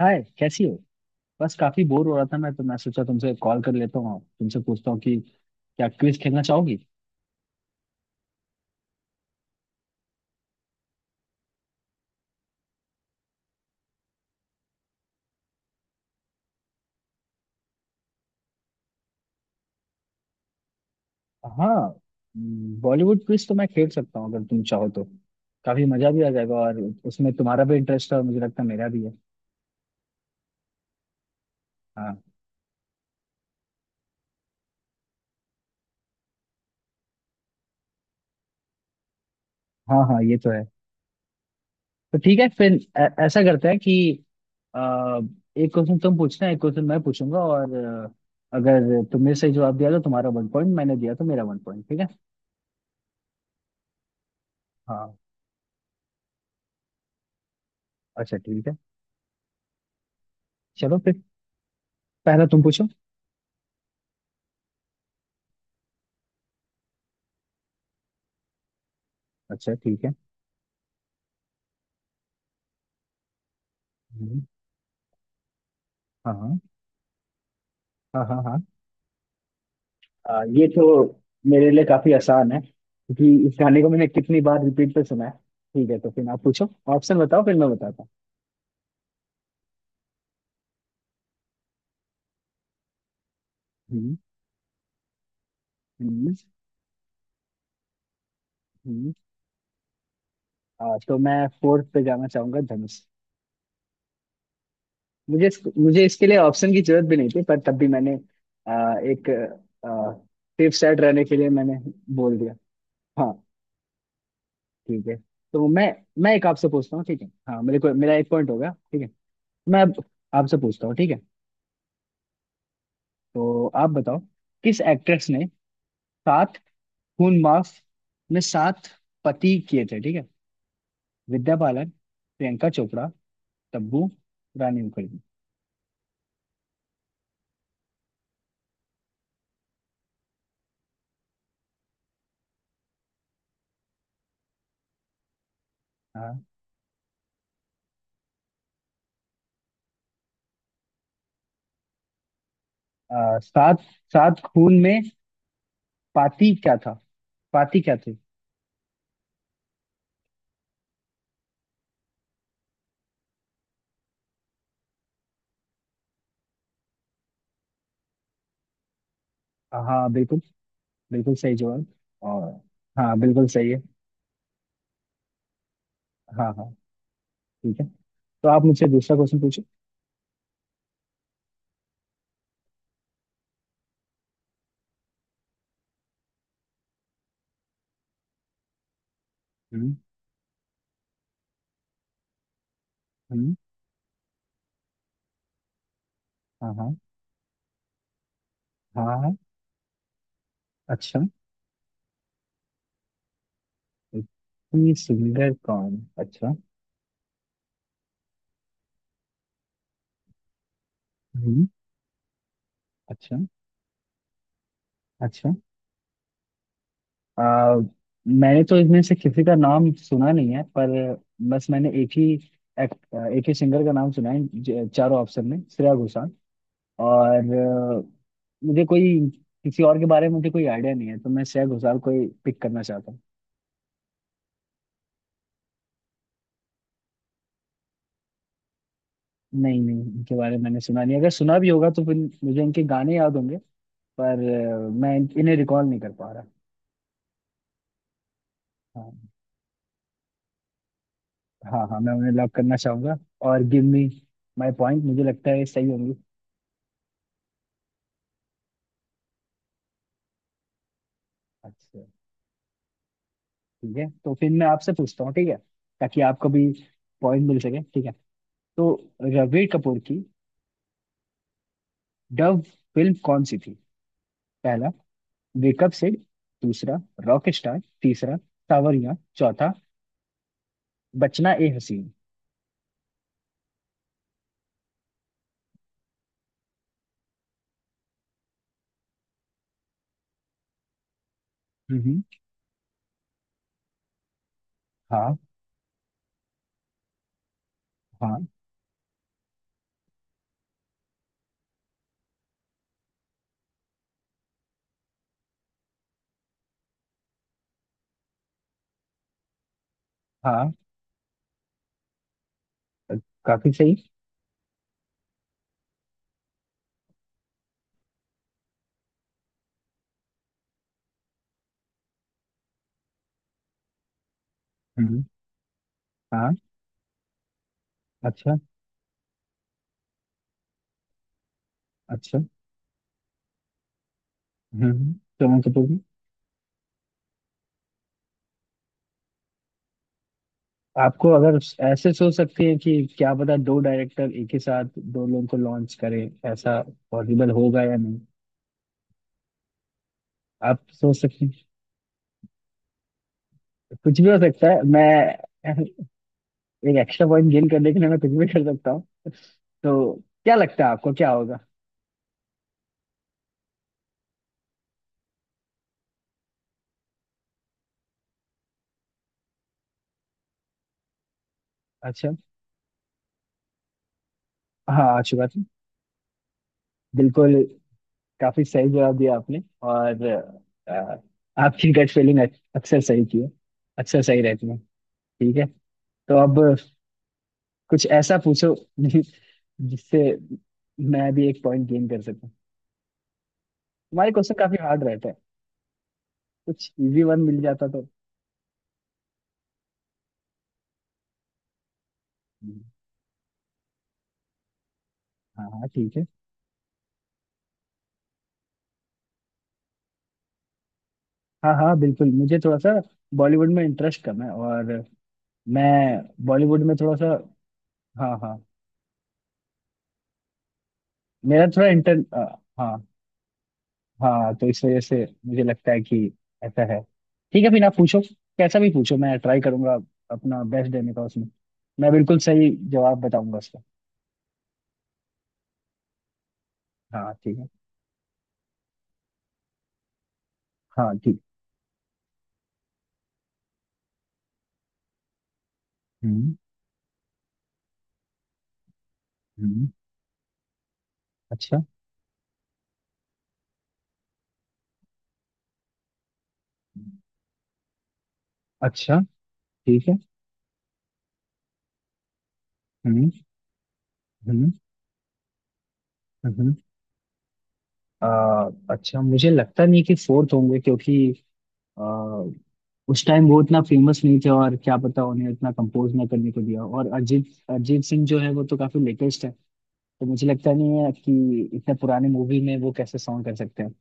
हाय, कैसी हो। बस काफी बोर हो रहा था मैं तो मैं सोचा तुमसे कॉल कर लेता हूँ, तुमसे पूछता हूँ कि क्या क्विज खेलना चाहोगी। हाँ, बॉलीवुड क्विज तो मैं खेल सकता हूँ अगर तुम चाहो तो। काफी मजा भी आ जाएगा, और उसमें तुम्हारा भी इंटरेस्ट है और मुझे लगता है मेरा भी है। हाँ हाँ हाँ, ये तो है। तो ठीक है, फिर ऐसा करते हैं कि आ, एक क्वेश्चन तुम पूछना, एक क्वेश्चन मैं पूछूंगा, और अगर तुमने सही जवाब दिया तो तुम्हारा 1 पॉइंट, मैंने दिया तो मेरा 1 पॉइंट, ठीक है। हाँ, अच्छा, ठीक है। चलो फिर, पहला तुम पूछो। अच्छा, ठीक है। हम्म, हाँ हाँ हाँ। हाँ, ये तो मेरे लिए काफी आसान है क्योंकि इस गाने को मैंने कितनी बार रिपीट पे सुना है। ठीक है, तो फिर आप पूछो। ऑप्शन बताओ, फिर मैं बताता हूँ। हम्म हम्म, हम्म। तो मैं फोर्थ पे जाना चाहूंगा, धनुष। मुझे इसके लिए ऑप्शन की जरूरत भी नहीं थी, पर तब भी मैंने एक सेफ साइड रहने के लिए मैंने बोल दिया। हाँ, ठीक है। तो मैं एक आपसे पूछता हूँ, ठीक है। हाँ, मेरे को मेरा एक पॉइंट हो गया, ठीक है। मैं अब आपसे पूछता हूँ, ठीक है। तो आप बताओ, किस एक्ट्रेस ने 7 खून माफ में 7 पति किए थे, ठीक है। विद्या बालन, प्रियंका चोपड़ा, तब्बू, रानी मुखर्जी। हाँ, आ, सात 7 खून में पाती क्या था, पाती क्या थी। हाँ बिल्कुल, बिल्कुल सही जवाब। और हाँ, बिल्कुल सही है। हाँ हाँ, ठीक है। तो आप मुझसे दूसरा क्वेश्चन पूछो। हम्म हम्म हाँ हाँ। हाँ हाँ, अच्छा। इतनी सुंदर कौन, अच्छा। हम्म अच्छा, अच्छा। आ, मैंने तो इनमें से किसी का नाम सुना नहीं है, पर बस मैंने एक ही एक्ट एक ही सिंगर का नाम सुना है, चारों ऑप्शन में श्रेया घोषाल, और अ, मुझे कोई किसी और के बारे में मुझे कोई आइडिया नहीं है, तो मैं श्रेया घोषाल को ही पिक करना चाहता हूँ। नहीं नहीं, इनके बारे में मैंने सुना नहीं, अगर सुना भी होगा तो फिर मुझे इनके गाने याद होंगे, पर इन्हें रिकॉल नहीं कर पा रहा। हाँ हाँ हाँ, मैं उन्हें लॉक करना चाहूंगा। और गिव मी माई पॉइंट, मुझे लगता है सही होंगी। अच्छा, ठीक है, तो फिर मैं आपसे पूछता हूँ, ठीक है। ताकि आपको भी पॉइंट मिल सके, ठीक है। तो रणबीर कपूर की डव फिल्म कौन सी थी। पहला, वेकअप सिड। दूसरा, रॉक स्टार। तीसरा, सावरियां। चौथा, बचना ए हसीन। हम्म हाँ। हाँ हाँ, अ, काफी सही। हम्म हाँ। अच्छा, अच्छा। हम्म सोनम कपूर की। आपको अगर ऐसे सोच सकते हैं कि क्या पता दो डायरेक्टर एक ही साथ दो लोगों को लॉन्च करें, ऐसा पॉसिबल होगा या नहीं, आप सोच सकते हैं। कुछ भी हो सकता है, मैं एक एक्स्ट्रा पॉइंट गेन करने के लिए मैं कुछ भी कर सकता हूँ। तो क्या लगता है आपको, क्या होगा। अच्छा। हाँ, अच्छी बात है। बिल्कुल, काफी सही जवाब दिया आपने। और अ, आपकी गट फीलिंग अक्सर सही थी, अक्सर सही रहती है। ठीक है, तो अब कुछ ऐसा पूछो जि- जिससे मैं भी एक पॉइंट गेन कर सकूं। तुम्हारे क्वेश्चन काफी हार्ड रहता है, कुछ इजी वन मिल जाता तो। हाँ हाँ, ठीक है। हाँ हाँ, बिल्कुल, मुझे थोड़ा सा बॉलीवुड में इंटरेस्ट कम है, और मैं बॉलीवुड में थोड़ा सा। हाँ हाँ, मेरा थोड़ा इंटर अ, हाँ हाँ, तो इस वजह से मुझे लगता है कि ऐसा है। ठीक है, फिर आप पूछो। कैसा भी पूछो, मैं ट्राई करूंगा अपना बेस्ट देने का, उसमें मैं बिल्कुल सही जवाब बताऊंगा उसका। हाँ, ठीक है। हाँ, ठीक। हम्म हम्म अच्छा, अच्छा, ठीक है। हम्म हम्म हम्म अच्छा, मुझे लगता नहीं है कि फोर्थ होंगे, क्योंकि अ, उस टाइम वो इतना फेमस नहीं थे, और क्या पता उन्हें इतना कंपोज ना करने को दिया। और अरिजीत अरिजीत सिंह जो है वो तो काफी लेटेस्ट है, तो मुझे लगता नहीं है कि इतने पुराने मूवी में वो कैसे सॉन्ग कर सकते हैं।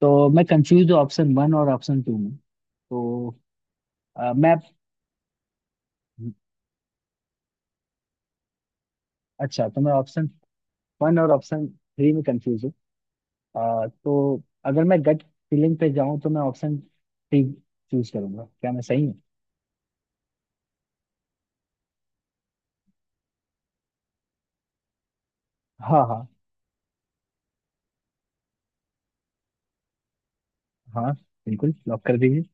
तो मैं कंफ्यूज हूँ ऑप्शन वन और ऑप्शन टू में तो। अ, मैं अच्छा, तो मैं ऑप्शन वन और ऑप्शन थ्री में कंफ्यूज हूँ। तो अगर मैं गट फीलिंग पे जाऊँ तो मैं ऑप्शन थ्री चूज करूंगा, क्या मैं सही हूँ। हाँ हाँ हाँ, बिल्कुल लॉक कर दीजिए।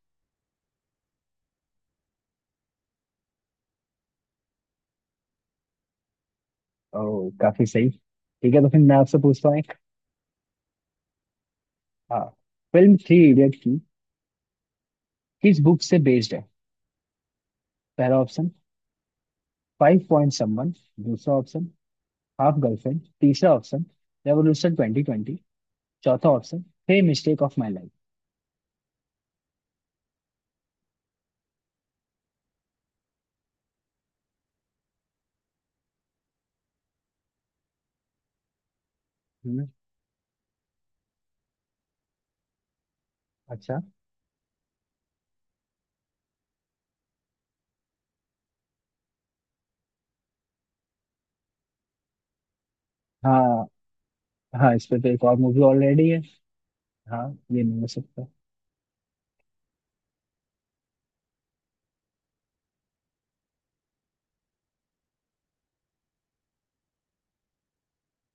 ओह, काफी सही। ठीक है, तो फिर मैं आपसे पूछता हूँ एक। हाँ, फिल्म थ्री इडियट की किस बुक से बेस्ड है। पहला ऑप्शन, फाइव पॉइंट समवन। दूसरा ऑप्शन, हाफ गर्लफ्रेंड। तीसरा ऑप्शन, रेवोल्यूशन ट्वेंटी ट्वेंटी। चौथा ऑप्शन, हे मिस्टेक ऑफ माई लाइफ। अच्छा। हाँ, हाँ, इस पे तो एक और मूवी ऑलरेडी है। हाँ, ये नहीं हो सकता।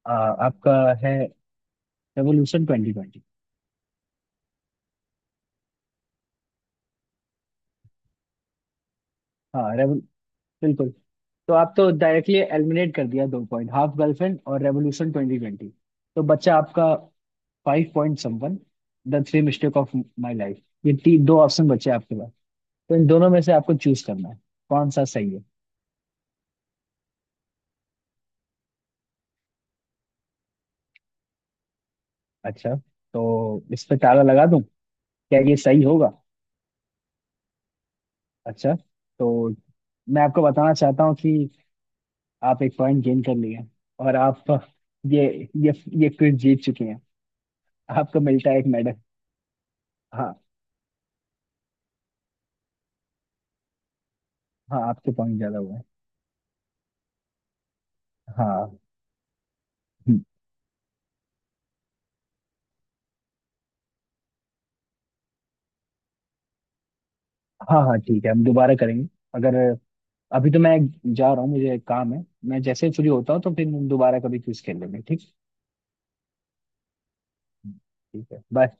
आ, आपका है, रेवोल्यूशन ट्वेंटी ट्वेंटी। हाँ रेवोल बिल्कुल। तो आप तो डायरेक्टली एलिमिनेट कर दिया दो पॉइंट, हाफ गर्लफ्रेंड और रेवोल्यूशन ट्वेंटी ट्वेंटी। तो बच्चा आपका five point someone, the three mistake of my life. ये तीन दो ऑप्शन बचे हैं आपके पास, तो इन दोनों में से आपको चूज करना है कौन सा सही है। अच्छा, तो इस पे ताला लगा दूं, क्या ये सही होगा। अच्छा, तो मैं आपको बताना चाहता हूँ कि आप एक पॉइंट गेन कर लिए हैं, और आप ये ये ये क्विज जीत चुके हैं। आपको मिलता है एक मेडल। हाँ। हाँ, आपके पॉइंट ज्यादा हुए हैं। हाँ। हम्म, हाँ हाँ, ठीक है, हम दोबारा करेंगे। अगर अभी तो मैं जा रहा हूँ, मुझे एक काम है, मैं जैसे ही फ्री होता हूँ तो फिर दोबारा कभी क्विज खेल लेंगे, ठीक। ठीक है, बाय।